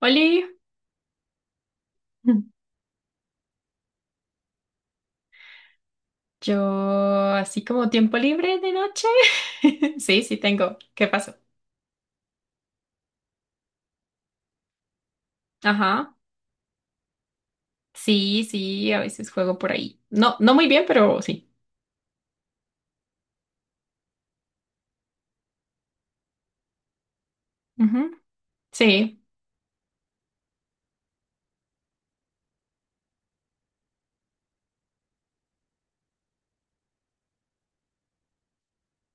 Oli, yo así como tiempo libre de noche. Sí, sí tengo. ¿Qué pasó? Ajá. Sí, sí, a veces juego por ahí. No, no muy bien, pero sí. Ujú. Sí.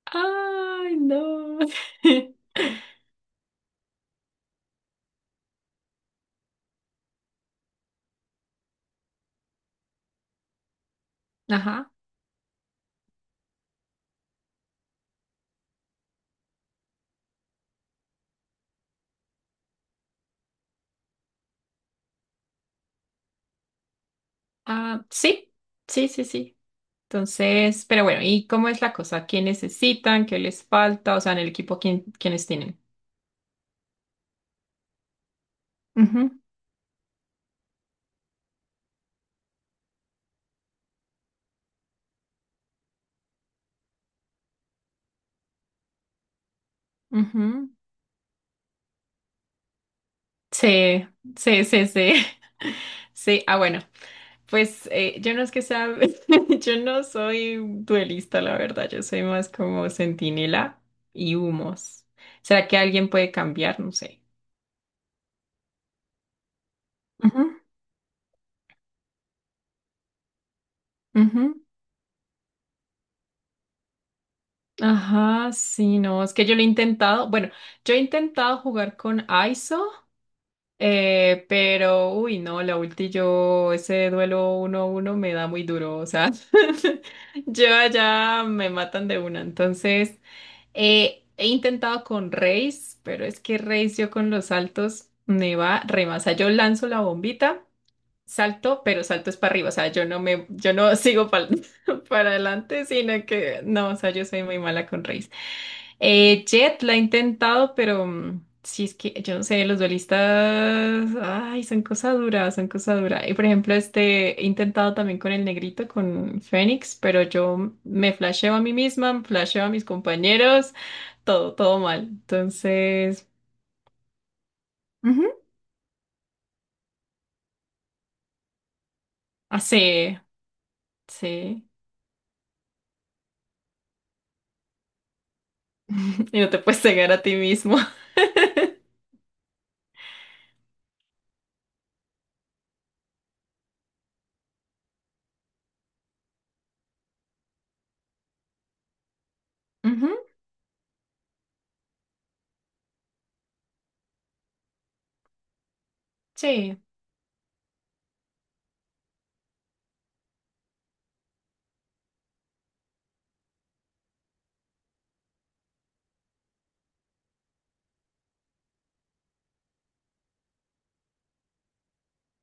Ay, no. Ajá. Ah, sí, sí, sí, sí. Entonces, pero bueno, ¿y cómo es la cosa? ¿Qué necesitan? ¿Qué les falta? O sea, en el equipo, ¿quién, quiénes tienen? Ujú, ujú. Sí, sí, sí, sí. Sí, ah, bueno. Pues yo no es que sea, yo no soy duelista, la verdad, yo soy más como centinela y humos. ¿Será que alguien puede cambiar? No sé. Ujú, ujú. Ajá, sí, no, es que yo lo he intentado, bueno, yo he intentado jugar con ISO, pero, uy, no, la ulti yo, ese duelo uno a uno me da muy duro, o sea, yo allá me matan de una, entonces... he intentado con Reis, pero es que Reis yo con los saltos me va re más. O sea, yo lanzo la bombita, salto, pero salto es para arriba. O sea, yo no me, yo no sigo pal- para adelante, sino que no, o sea, yo soy muy mala con Reis. Jet la he intentado, pero sí es que yo no sé, los duelistas, ay, son cosas duras, son cosas duras. Y por ejemplo, este he intentado también con el negrito, con Fénix, pero yo me flasheo a mí misma, flasheo a mis compañeros todo, todo mal. Entonces, ujú, así, sí. Y no te puedes cegar a ti mismo. Ujú. Sí,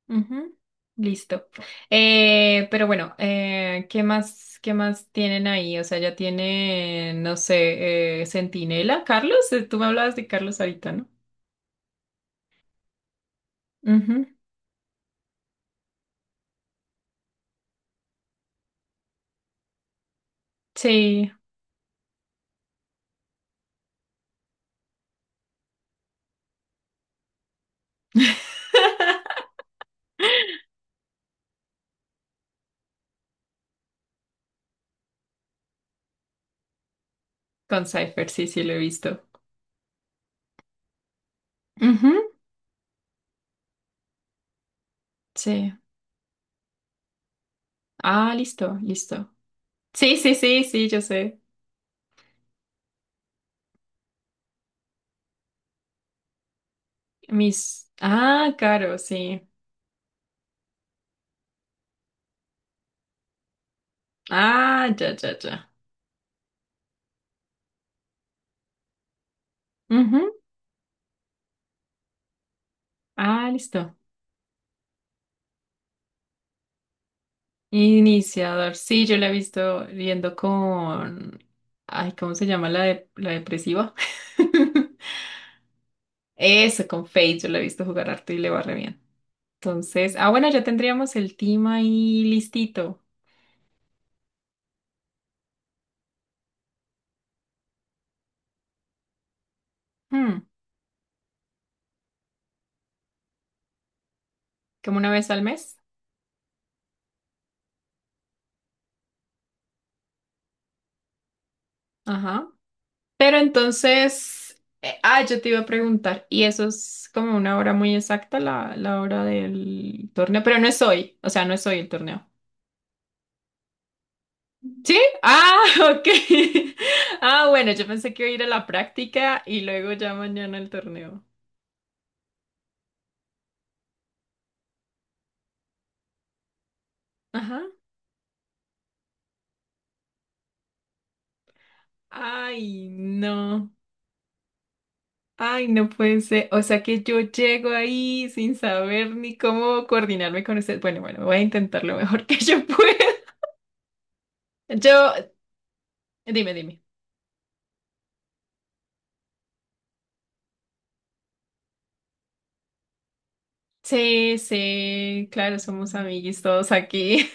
ujú. Listo. Pero bueno, qué más tienen ahí? O sea, ya tienen, no sé, Centinela, Carlos. Tú me hablabas de Carlos ahorita, ¿no? Ujú. Sí, con Cypher, sí, sí, lo he visto. Ujú. Sí. Ah, listo, listo. Sí, sí, sí, sí, yo sé. Mis. Ah, claro, sí. Ah, ya, ya, ya. Ujú. Ah, listo. Iniciador. Sí, yo la he visto riendo con... Ay, ¿cómo se llama la, de- la depresiva? Eso, con Fate. Yo la he visto jugar harto y le va re bien. Entonces, ah, bueno, ya tendríamos el team ahí listito. Hmm. Como una vez al mes. Ajá. Pero entonces... yo te iba a preguntar. Y eso es como una hora muy exacta, la hora del torneo. Pero no es hoy. O sea, no es hoy el torneo. ¿Sí? Ah, ok. Ah, bueno, yo pensé que iba a ir a la práctica y luego ya mañana el torneo. Ajá. Ay, no. Ay, no puede ser. O sea que yo llego ahí sin saber ni cómo coordinarme con usted. Bueno, bueno, voy a intentar lo mejor que yo pueda. Yo, dime. Sí, sí, claro, somos amiguis todos aquí.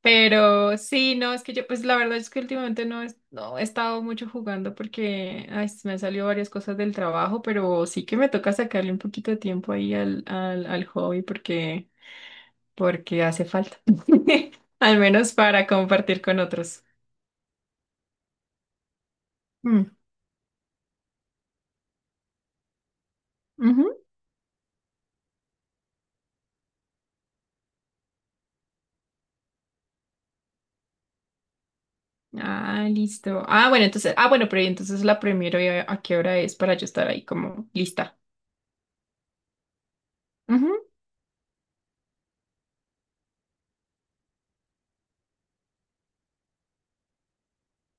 Pero sí, no, es que yo, pues la verdad es que últimamente no, es- no he estado mucho jugando porque ay, se me han salido varias cosas del trabajo, pero sí que me toca sacarle un poquito de tiempo ahí al hobby porque, porque hace falta. Al menos para compartir con otros. Mm, ujú. Ah, listo. Ah, bueno, entonces, ah, bueno, pero ¿y entonces la primero a qué hora es para yo estar ahí como lista? Ujú.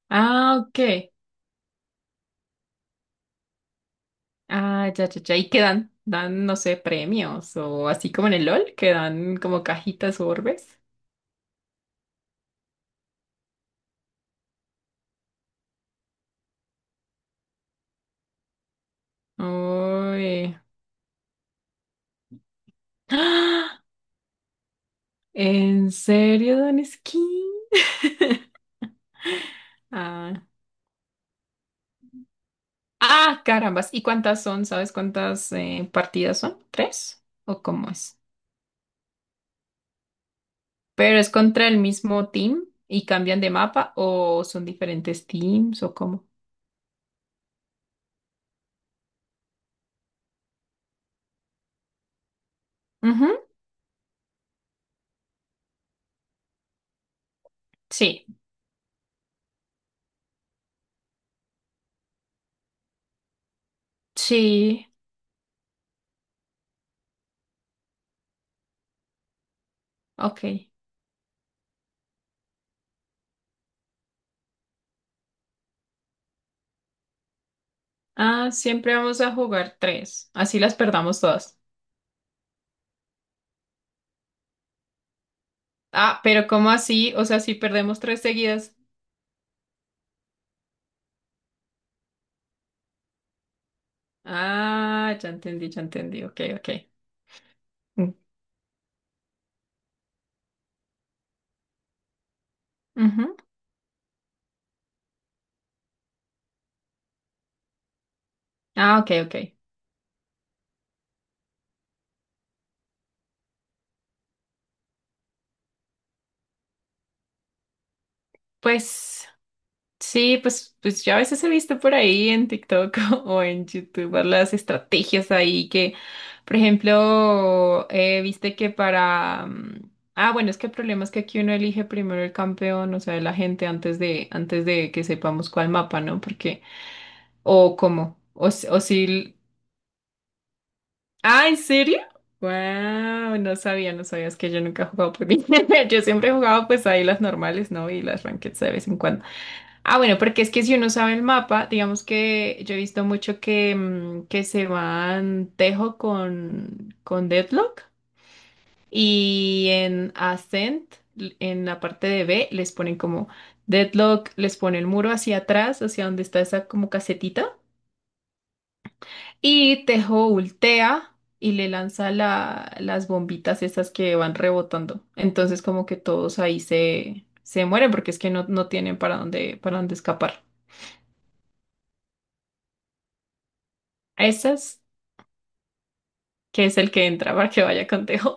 Ah, ok. Ah, ya, ya, ya. ¿Y qué dan? Dan, no sé, premios o así como en el LOL, que dan como cajitas o orbes. Uy. ¡Ah! ¿En serio dan skin? Ah. Ah, carambas. ¿Y cuántas son? ¿Sabes cuántas partidas son? ¿Tres? ¿O cómo es? ¿Pero es contra el mismo team y cambian de mapa o son diferentes teams o cómo? Ujú. Sí, sí, ok. Ah, siempre vamos a jugar tres. Así las perdamos todas. Ah, pero ¿cómo así? O sea, si perdemos tres seguidas. Ah, ya entendí, ya entendí. Ok, ok. Mm. Ujú. Ah, ok, ok. Pues sí, pues, pues yo a veces he visto por ahí en TikTok o en YouTube las estrategias ahí que, por ejemplo, viste que para... ah, bueno, es que el problema es que aquí uno elige primero el campeón, o sea, la gente antes de que sepamos cuál mapa, ¿no? Porque... O cómo. O, s- o si ah, ¿en serio? Wow, no sabía, no sabías que yo nunca he jugado por mí. Yo siempre he jugado pues ahí las normales, ¿no? Y las rankeds de vez en cuando. Ah, bueno, porque es que si uno sabe el mapa, digamos que yo he visto mucho que, que se van Tejo con Deadlock y en Ascent, l- en la parte de B, les ponen como Deadlock, les pone el muro hacia atrás, hacia donde está esa como casetita. Y Tejo ultea y le lanza la- las bombitas esas que van rebotando. Entonces como que todos ahí se, se mueren porque es que no, no tienen para dónde escapar. A esas, que es el que entra para que vaya con Tejo.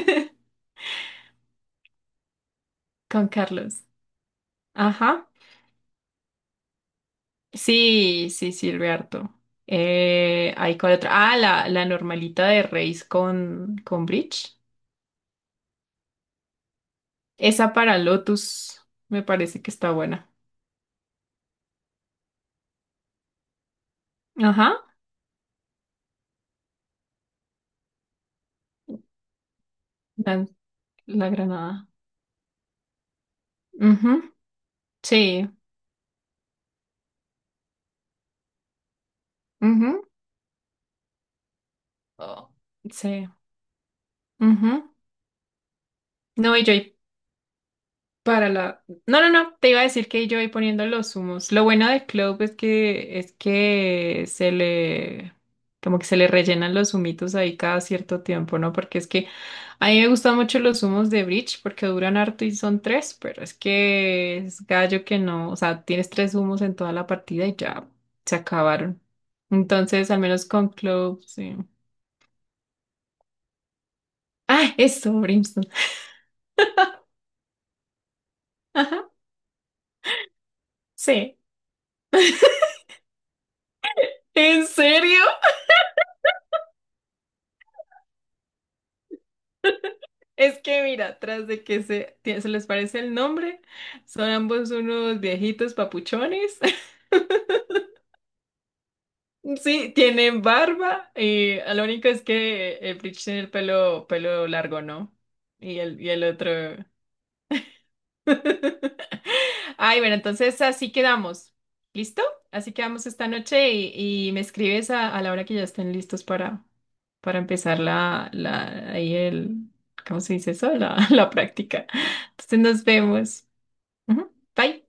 Con Carlos. Ajá. Sí, sí, sirve harto. Ahí con otra. Ah, la normalita de Reis con Bridge. Esa para Lotus me parece que está buena. Ajá. La, la granada. Ujú. Sí. Ujú, oh, sí. Ujú. No, y yo ahí para la. No, no, no. Te iba a decir que yo ahí poniendo los humos. Lo bueno de Clove es que se le. Como que se le rellenan los humitos ahí cada cierto tiempo, ¿no? Porque es que a mí me gustan mucho los humos de Bridge porque duran harto y son tres, pero es que es gallo que no. O sea, tienes tres humos en toda la partida y ya se acabaron. Entonces, al menos con Clove, sí. Ah, eso, Brimstone. Ajá, sí. ¿En serio? Es que mira, tras de que se, tie- se les parece el nombre, son ambos unos viejitos papuchones. Sí, tienen barba y lo único es que el Bleach tiene el pelo, pelo largo, ¿no? Y el otro... Ay, bueno, entonces así quedamos. ¿Listo? Así quedamos esta noche y me escribes a la hora que ya estén listos para empezar ahí el, ¿cómo se dice eso? La, la práctica. Entonces nos vemos. Ujú. Bye.